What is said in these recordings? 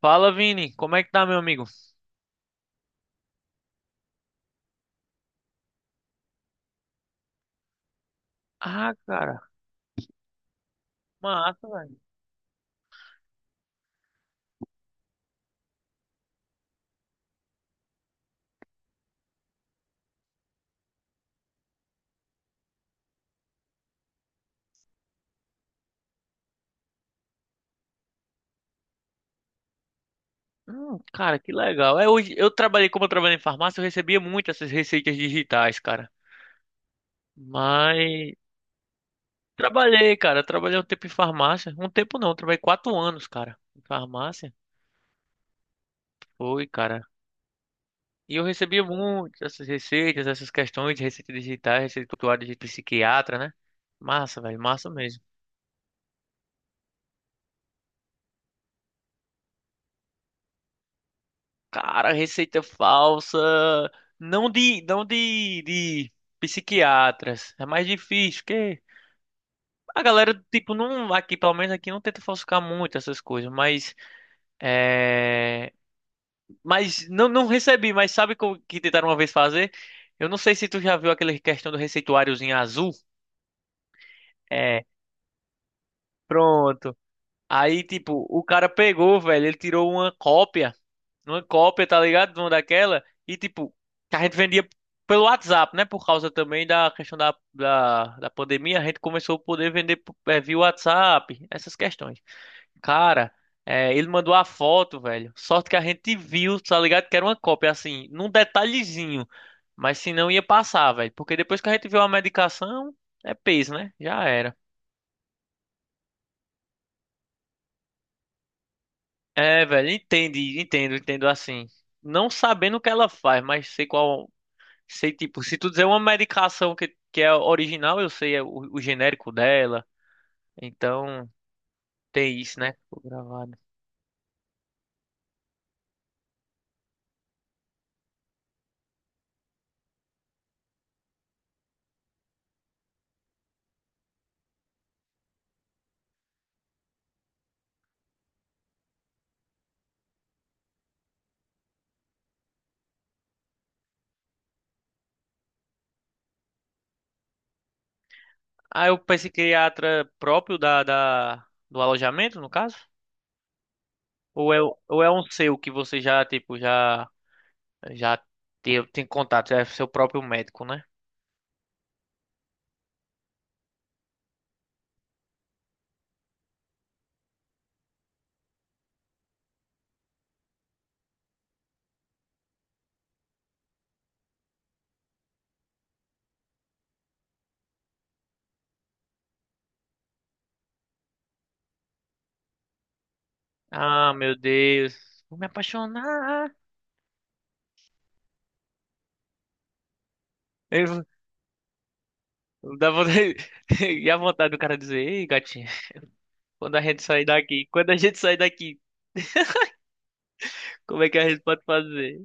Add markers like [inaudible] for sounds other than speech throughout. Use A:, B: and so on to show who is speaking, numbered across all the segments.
A: Fala, Vini. Como é que tá, meu amigo? Ah, cara, massa, velho. Cara, que legal. É, hoje eu trabalhei, como eu trabalhei em farmácia, eu recebia muito essas receitas digitais, cara. Mas trabalhei, cara. Trabalhei um tempo em farmácia. Um tempo não, trabalhei 4 anos, cara, em farmácia. Foi, cara. E eu recebia muito essas receitas, essas questões de receitas digitais, receita tutorial de psiquiatra, né? Massa, velho, massa mesmo. Cara, receita falsa. Não de psiquiatras. É mais difícil, porque a galera, tipo, não, aqui, pelo menos aqui, não tenta falsificar muito essas coisas, mas, é, mas não, não recebi, mas sabe o que tentaram uma vez fazer? Eu não sei se tu já viu aquela questão do receituáriozinho azul. É, pronto. Aí, tipo, o cara pegou, velho, ele tirou uma cópia numa cópia, tá ligado? Uma daquela. E tipo, que a gente vendia pelo WhatsApp, né? Por causa também da questão da pandemia, a gente começou a poder vender via WhatsApp, essas questões. Cara, ele mandou a foto, velho. Sorte que a gente viu, tá ligado? Que era uma cópia, assim, num detalhezinho. Mas se não ia passar, velho. Porque depois que a gente viu a medicação, é peso, né? Já era. É, velho, entendo assim. Não sabendo o que ela faz, mas sei qual. Sei, tipo, se tu dizer uma medicação que é original, eu sei é o genérico dela. Então, tem isso, né? Ficou gravado. Ah, é o psiquiatra próprio do alojamento, no caso? Ou é, ou é um seu que você já, tipo, já tem contato? É seu próprio médico, né? Ah, meu Deus. Vou me apaixonar. Eu, eu dá vontade, [laughs] e a vontade do cara dizer, ei, gatinha, quando a gente sair daqui, como é que a gente pode fazer?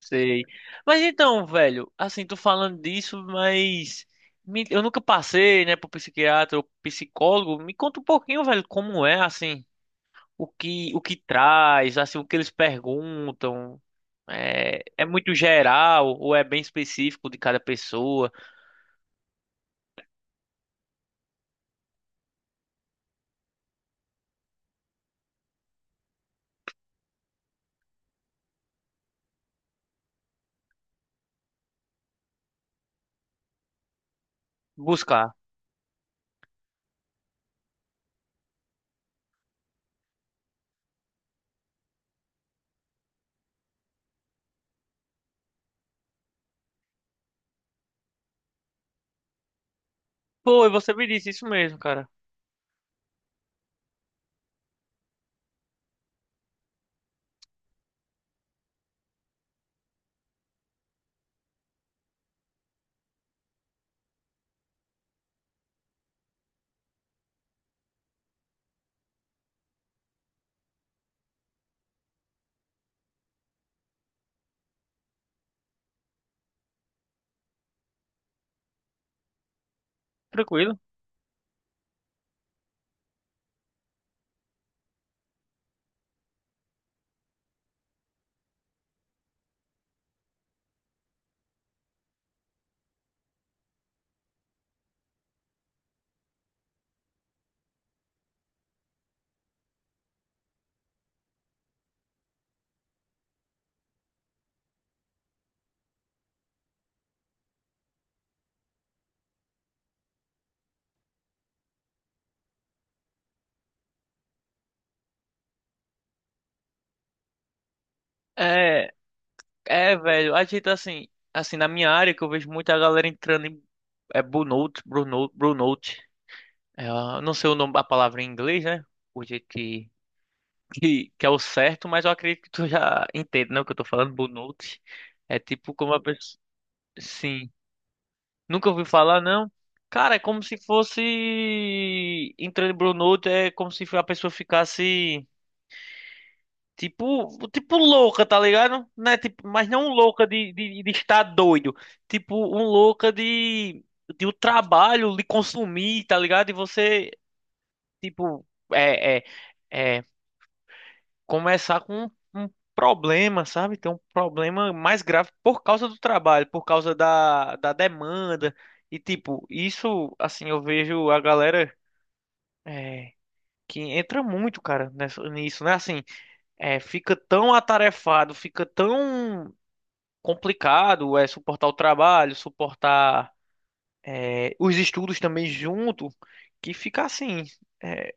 A: Sei. Mas então, velho, assim, tô falando disso, mas eu nunca passei, né, por psiquiatra ou psicólogo. Me conta um pouquinho, velho, como é, assim, o que traz, assim, o que eles perguntam. É, é muito geral ou é bem específico de cada pessoa? Buscar. Pô, e você me disse isso mesmo, cara. Tranquilo. É, velho, assim, na minha área que eu vejo muita galera entrando em burnout, burnout. É, eu não sei o nome, a palavra em inglês, né? O jeito que, que é o certo, mas eu acredito que tu já entende, né? O que eu tô falando, Bonucci. É tipo como a pessoa. Sim. Nunca ouvi falar, não. Cara, é como se fosse. Entrando em Bonucci, é como se a pessoa ficasse. Tipo, tipo louca, tá ligado? Né? Tipo, mas não louca de estar doido. Tipo, um louca de o trabalho lhe consumir, tá ligado? E você, tipo, é, é, é, começar com um problema, sabe? Ter um problema mais grave por causa do trabalho, por causa da demanda. E, tipo, isso, assim, eu vejo a galera é, que entra muito, cara, nessa, nisso, né? Assim, fica tão atarefado, fica tão complicado, suportar o trabalho, suportar os estudos também junto, que fica assim. é,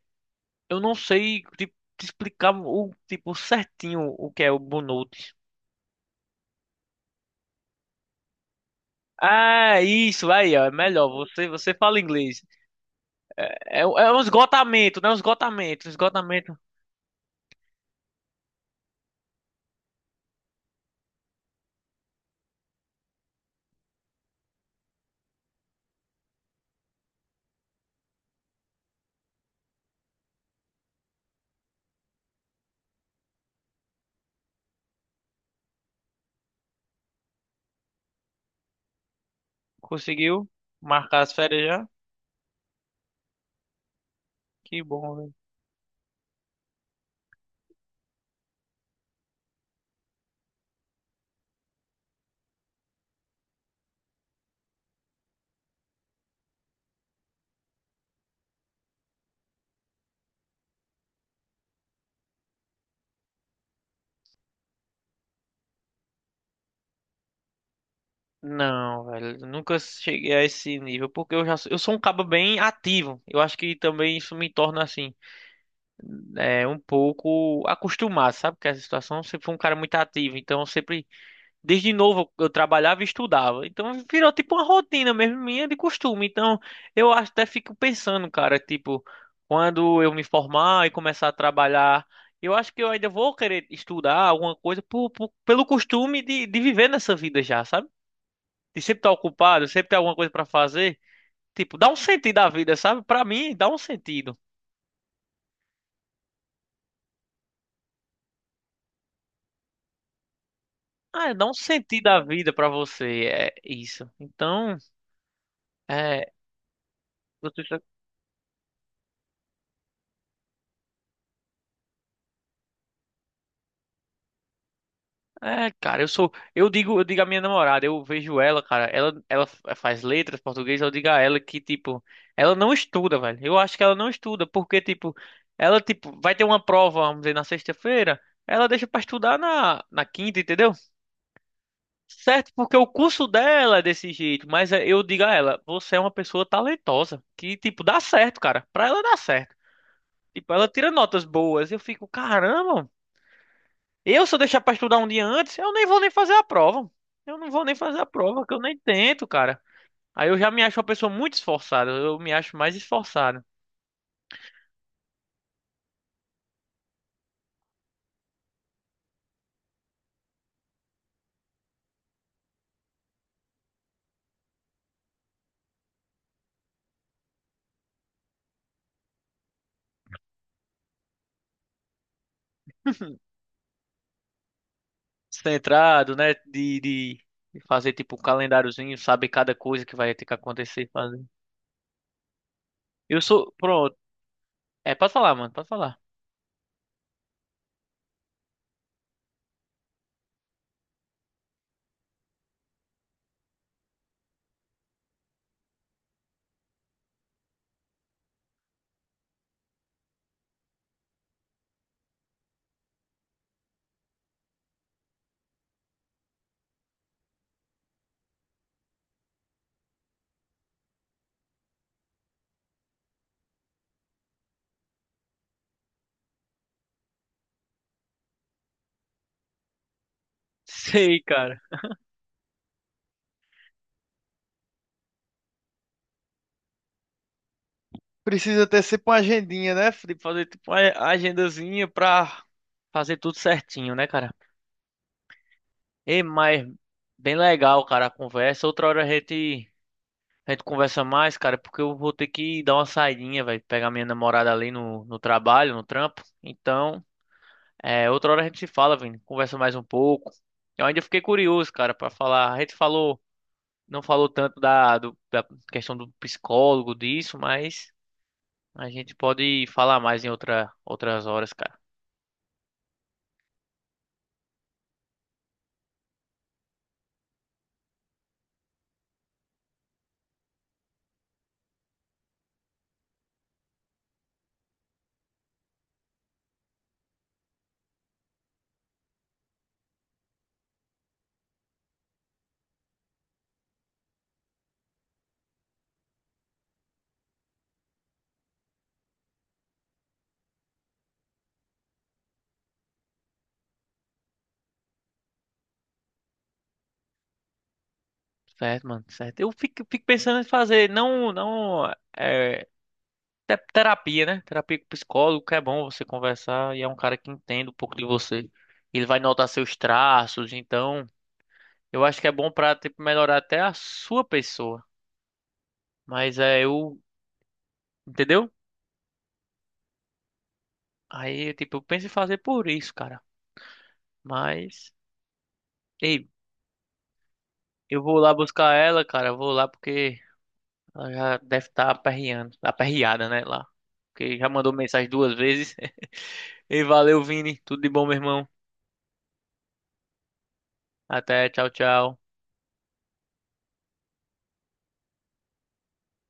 A: eu não sei, tipo, te explicar o tipo certinho o que é o burnout. Ah, isso aí, ó. É melhor. Você fala inglês. É, é um esgotamento, né? Um esgotamento. Conseguiu marcar as férias já? Que bom, velho. Não, velho. Eu nunca cheguei a esse nível. Porque eu sou um cabo bem ativo. Eu acho que também isso me torna assim. É, um pouco acostumado, sabe? Porque essa situação eu sempre fui um cara muito ativo. Então eu sempre, desde novo, eu trabalhava e estudava. Então virou tipo uma rotina mesmo minha de costume. Então eu até fico pensando, cara, tipo, quando eu me formar e começar a trabalhar, eu acho que eu ainda vou querer estudar alguma coisa pelo costume de viver nessa vida já, sabe? De sempre estar ocupado, sempre ter alguma coisa pra fazer. Tipo, dá um sentido à vida, sabe? Pra mim, dá um sentido. Ah, dá um sentido à vida pra você. É isso. Então, é. Você é, cara, eu sou. Eu digo à minha namorada, eu vejo ela, cara. Ela faz letras português, eu digo a ela que, tipo, ela não estuda, velho. Eu acho que ela não estuda, porque, tipo, ela, tipo, vai ter uma prova, vamos dizer, na sexta-feira. Ela deixa pra estudar na quinta, entendeu? Certo, porque o curso dela é desse jeito. Mas é, eu digo a ela, você é uma pessoa talentosa, que, tipo, dá certo, cara. Pra ela dá certo. Tipo, ela tira notas boas. Eu fico, caramba, eu, se eu deixar pra estudar um dia antes, eu nem vou nem fazer a prova. Eu não vou nem fazer a prova, que eu nem tento, cara. Aí eu já me acho uma pessoa muito esforçada. Eu me acho mais esforçado. Centrado, né? De fazer tipo um calendáriozinho, sabe cada coisa que vai ter que acontecer e fazer. Eu sou. Pronto. É, pode falar, mano, pode falar. [laughs] Sei, cara. Precisa ter sempre uma agendinha, né? De fazer tipo uma agendazinha pra fazer tudo certinho, né, cara? E mas bem legal, cara, a conversa. Outra hora a gente. A gente conversa mais, cara, porque eu vou ter que dar uma saidinha, velho. Pegar minha namorada ali no trabalho, no trampo. Então, é, outra hora a gente se fala, Vini. Conversa mais um pouco. Eu ainda fiquei curioso, cara, pra falar. A gente falou, não falou tanto da questão do psicólogo, disso, mas a gente pode falar mais em outra, outras horas, cara. Certo, mano, certo. Fico pensando em fazer, não, não é, é terapia, né? Terapia com psicólogo, que é bom você conversar e é um cara que entende um pouco de você. Ele vai notar seus traços, então eu acho que é bom pra, tipo, melhorar até a sua pessoa. Mas é, eu, entendeu? Aí, tipo, eu penso em fazer por isso, cara. Mas, ei, eu vou lá buscar ela, cara. Eu vou lá porque ela já deve estar aperreando, aperreada, né? Lá. Porque já mandou mensagem 2 vezes. [laughs] E valeu, Vini. Tudo de bom, meu irmão. Até, tchau, tchau.